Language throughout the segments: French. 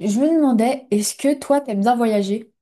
Je me demandais, est-ce que toi, t'aimes bien voyager?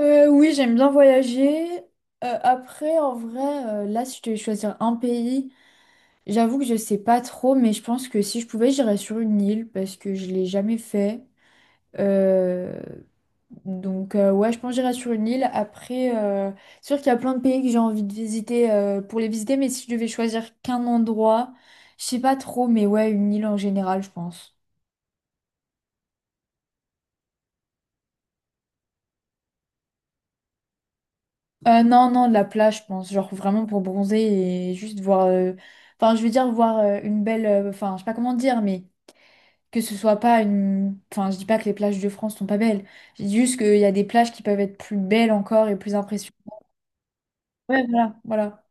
Oui, j'aime bien voyager. Après, en vrai, là, si je devais choisir un pays, j'avoue que je sais pas trop, mais je pense que si je pouvais, j'irais sur une île parce que je l'ai jamais fait. Euh, Donc, ouais, je pense que j'irais sur une île. Après, c'est sûr qu'il y a plein de pays que j'ai envie de visiter pour les visiter, mais si je devais choisir qu'un endroit, je sais pas trop, mais ouais, une île en général, je pense. Non, non, de la plage, je pense. Genre vraiment pour bronzer et juste voir. Enfin, je veux dire, voir une belle. Enfin, je sais pas comment dire, mais que ce soit pas une. Enfin, je dis pas que les plages de France sont pas belles. Je dis juste qu'il y a des plages qui peuvent être plus belles encore et plus impressionnantes. Ouais, voilà, voilà.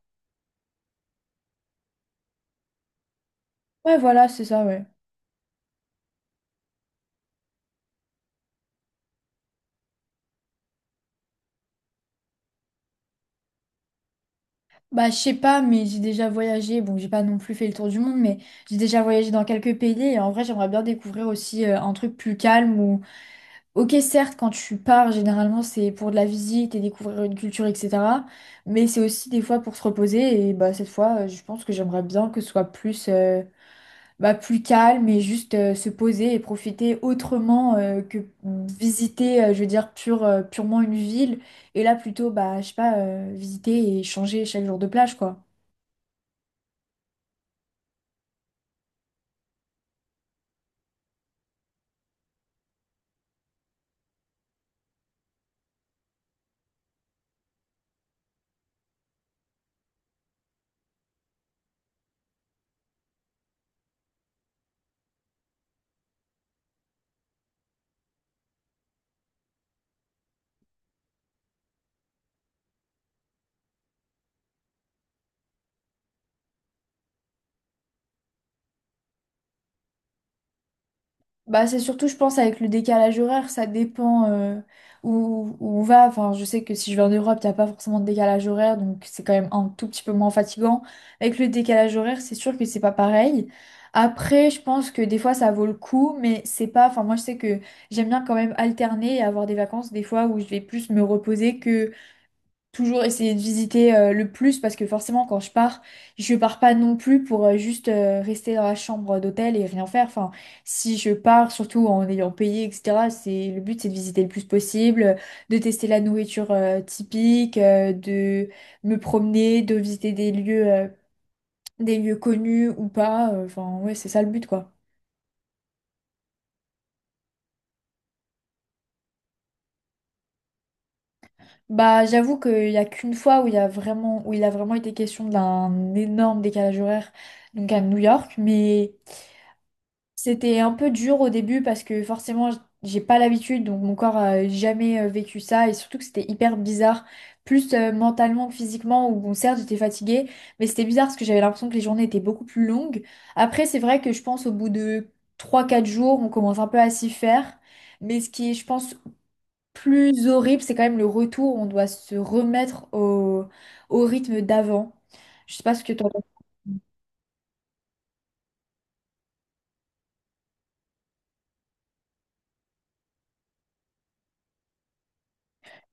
Ouais, voilà, c'est ça, ouais. Bah, je sais pas, mais j'ai déjà voyagé. Bon, j'ai pas non plus fait le tour du monde, mais j'ai déjà voyagé dans quelques pays et en vrai, j'aimerais bien découvrir aussi un truc plus calme. Ok, certes, quand tu pars, généralement, c'est pour de la visite et découvrir une culture, etc. Mais c'est aussi des fois pour se reposer. Et bah, cette fois, je pense que j'aimerais bien que ce soit plus, bah, plus calme et juste se poser et profiter autrement que visiter, je veux dire, purement une ville. Et là, plutôt, bah, je sais pas, visiter et changer chaque jour de plage, quoi. Bah, c'est surtout, je pense, avec le décalage horaire, ça dépend où on va. Enfin, je sais que si je vais en Europe, t'as pas forcément de décalage horaire, donc c'est quand même un tout petit peu moins fatigant. Avec le décalage horaire, c'est sûr que c'est pas pareil. Après, je pense que des fois, ça vaut le coup, mais c'est pas. Enfin, moi, je sais que j'aime bien quand même alterner et avoir des vacances, des fois, où je vais plus me reposer, toujours essayer de visiter le plus parce que forcément quand je pars pas non plus pour juste rester dans la chambre d'hôtel et rien faire. Enfin, si je pars, surtout en ayant payé, etc., c'est le but, c'est de visiter le plus possible, de tester la nourriture typique, de me promener, de visiter des lieux connus ou pas. Enfin, ouais, c'est ça le but quoi. Bah, j'avoue qu'il y a qu'une fois où il y a vraiment, où il a vraiment été question d'un énorme décalage horaire, donc à New York, mais c'était un peu dur au début parce que forcément j'ai pas l'habitude, donc mon corps a jamais vécu ça, et surtout que c'était hyper bizarre plus mentalement que physiquement, où bon certes j'étais fatiguée, mais c'était bizarre parce que j'avais l'impression que les journées étaient beaucoup plus longues. Après c'est vrai que je pense au bout de trois quatre jours on commence un peu à s'y faire, mais ce qui est je pense plus horrible c'est quand même le retour, on doit se remettre au, au rythme d'avant. Je sais pas ce que toi...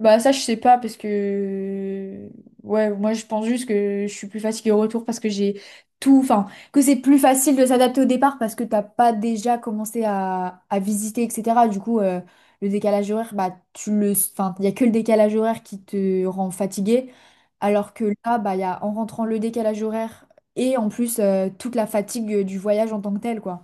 Bah ça je sais pas parce que ouais moi je pense juste que je suis plus fatiguée au retour parce que j'ai tout, enfin, que c'est plus facile de s'adapter au départ parce que t'as pas déjà commencé à visiter etc. Du coup le décalage horaire bah tu le, enfin il y a que le décalage horaire qui te rend fatigué, alors que là bah il y a en rentrant le décalage horaire et en plus toute la fatigue du voyage en tant que tel quoi.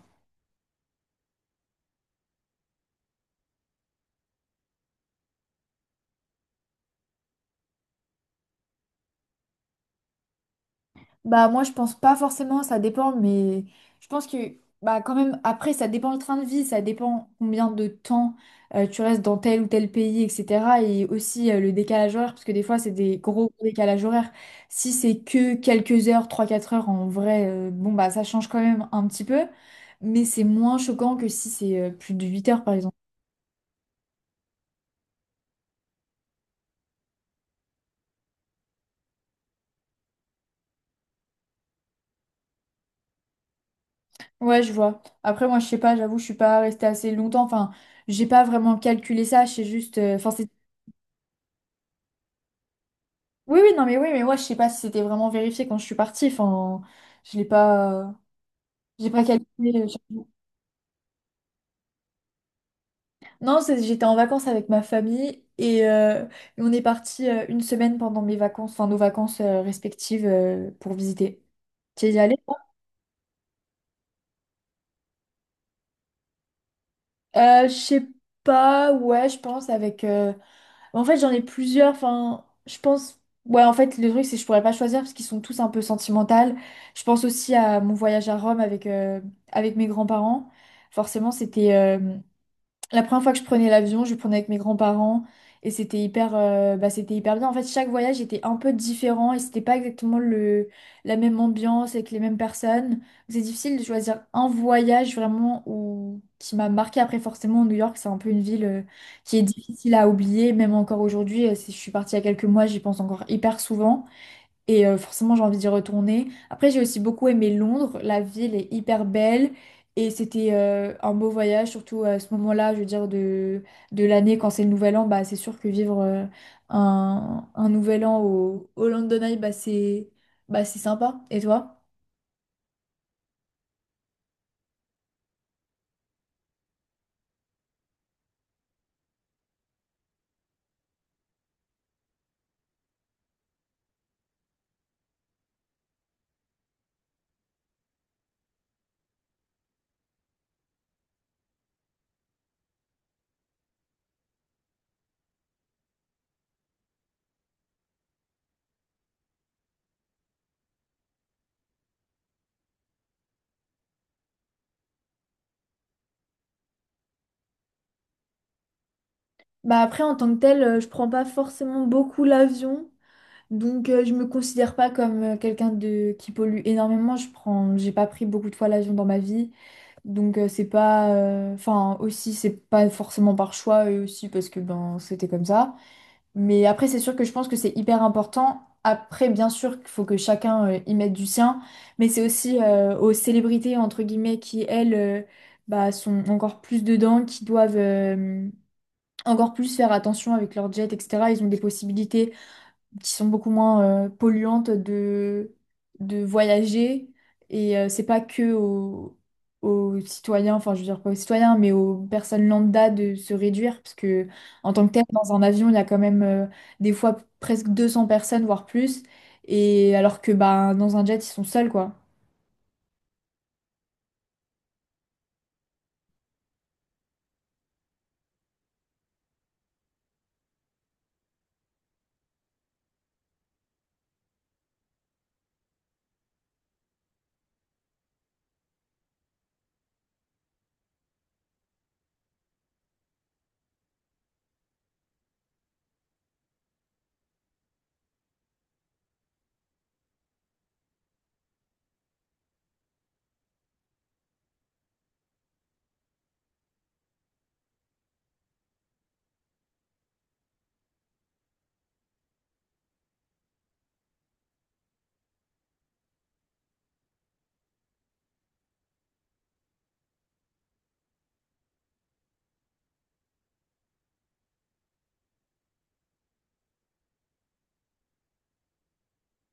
Bah moi je pense pas forcément, ça dépend, mais je pense que bah quand même après ça dépend le train de vie, ça dépend combien de temps tu restes dans tel ou tel pays, etc. Et aussi le décalage horaire, parce que des fois c'est des gros décalages horaires. Si c'est que quelques heures, trois quatre heures en vrai, bon bah ça change quand même un petit peu, mais c'est moins choquant que si c'est plus de 8 heures par exemple. Ouais je vois. Après moi je sais pas, j'avoue je suis pas restée assez longtemps, enfin j'ai pas vraiment calculé ça, je sais juste, enfin c'est... Oui, oui, non, mais oui, mais moi, je sais pas si c'était vraiment vérifié quand je suis partie. Enfin, je l'ai pas, j'ai pas calculé. Non, j'étais en vacances avec ma famille et on est parti une semaine pendant mes vacances, enfin nos vacances respectives pour visiter. Tu es y allée? Je sais pas, ouais, je pense avec. En fait, j'en ai plusieurs. Enfin, je pense. Ouais, en fait, le truc, c'est que je pourrais pas choisir parce qu'ils sont tous un peu sentimentaux. Je pense aussi à mon voyage à Rome avec, avec mes grands-parents. Forcément, c'était la première fois que je prenais l'avion, je le prenais avec mes grands-parents et c'était hyper, c'était hyper bien. En fait, chaque voyage était un peu différent et c'était pas exactement le, la même ambiance avec les mêmes personnes. C'est difficile de choisir un voyage vraiment où, qui m'a marqué. Après, forcément, New York, c'est un peu une ville, qui est difficile à oublier, même encore aujourd'hui. Si je suis partie il y a quelques mois, j'y pense encore hyper souvent. Et forcément, j'ai envie d'y retourner. Après, j'ai aussi beaucoup aimé Londres. La ville est hyper belle. Et c'était un beau voyage, surtout à ce moment-là, je veux dire, de l'année, quand c'est le nouvel an. Bah, c'est sûr que vivre un nouvel an au London Eye, bah, c'est sympa. Et toi? Bah, après, en tant que tel, je prends pas forcément beaucoup l'avion. Donc, je me considère pas comme quelqu'un de qui pollue énormément. Je prends, j'ai pas pris beaucoup de fois l'avion dans ma vie. Donc c'est pas, enfin aussi c'est pas forcément par choix et aussi parce que ben c'était comme ça. Mais après c'est sûr que je pense que c'est hyper important. Après bien sûr qu'il faut que chacun y mette du sien, mais c'est aussi aux célébrités entre guillemets qui elles sont encore plus dedans, qui doivent encore plus faire attention avec leur jet etc. Ils ont des possibilités qui sont beaucoup moins polluantes de voyager. Et c'est pas que aux, aux citoyens, enfin je veux dire pas aux citoyens, mais aux personnes lambda de se réduire, parce que en tant que tel, dans un avion, il y a quand même des fois presque 200 personnes, voire plus. Et alors que bah, dans un jet, ils sont seuls, quoi.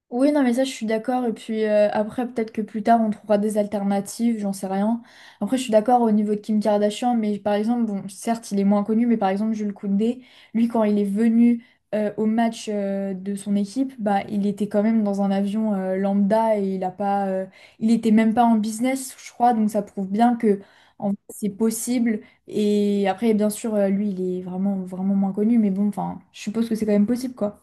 Oui, non, mais ça, je suis d'accord. Et puis après, peut-être que plus tard, on trouvera des alternatives, j'en sais rien. Après, je suis d'accord au niveau de Kim Kardashian, mais par exemple, bon, certes, il est moins connu, mais par exemple, Jules Koundé, lui, quand il est venu au match de son équipe, bah, il était quand même dans un avion lambda et il a pas, il était même pas en business, je crois. Donc, ça prouve bien que en fait, c'est possible. Et après, bien sûr, lui, il est vraiment, vraiment moins connu, mais bon, enfin, je suppose que c'est quand même possible, quoi.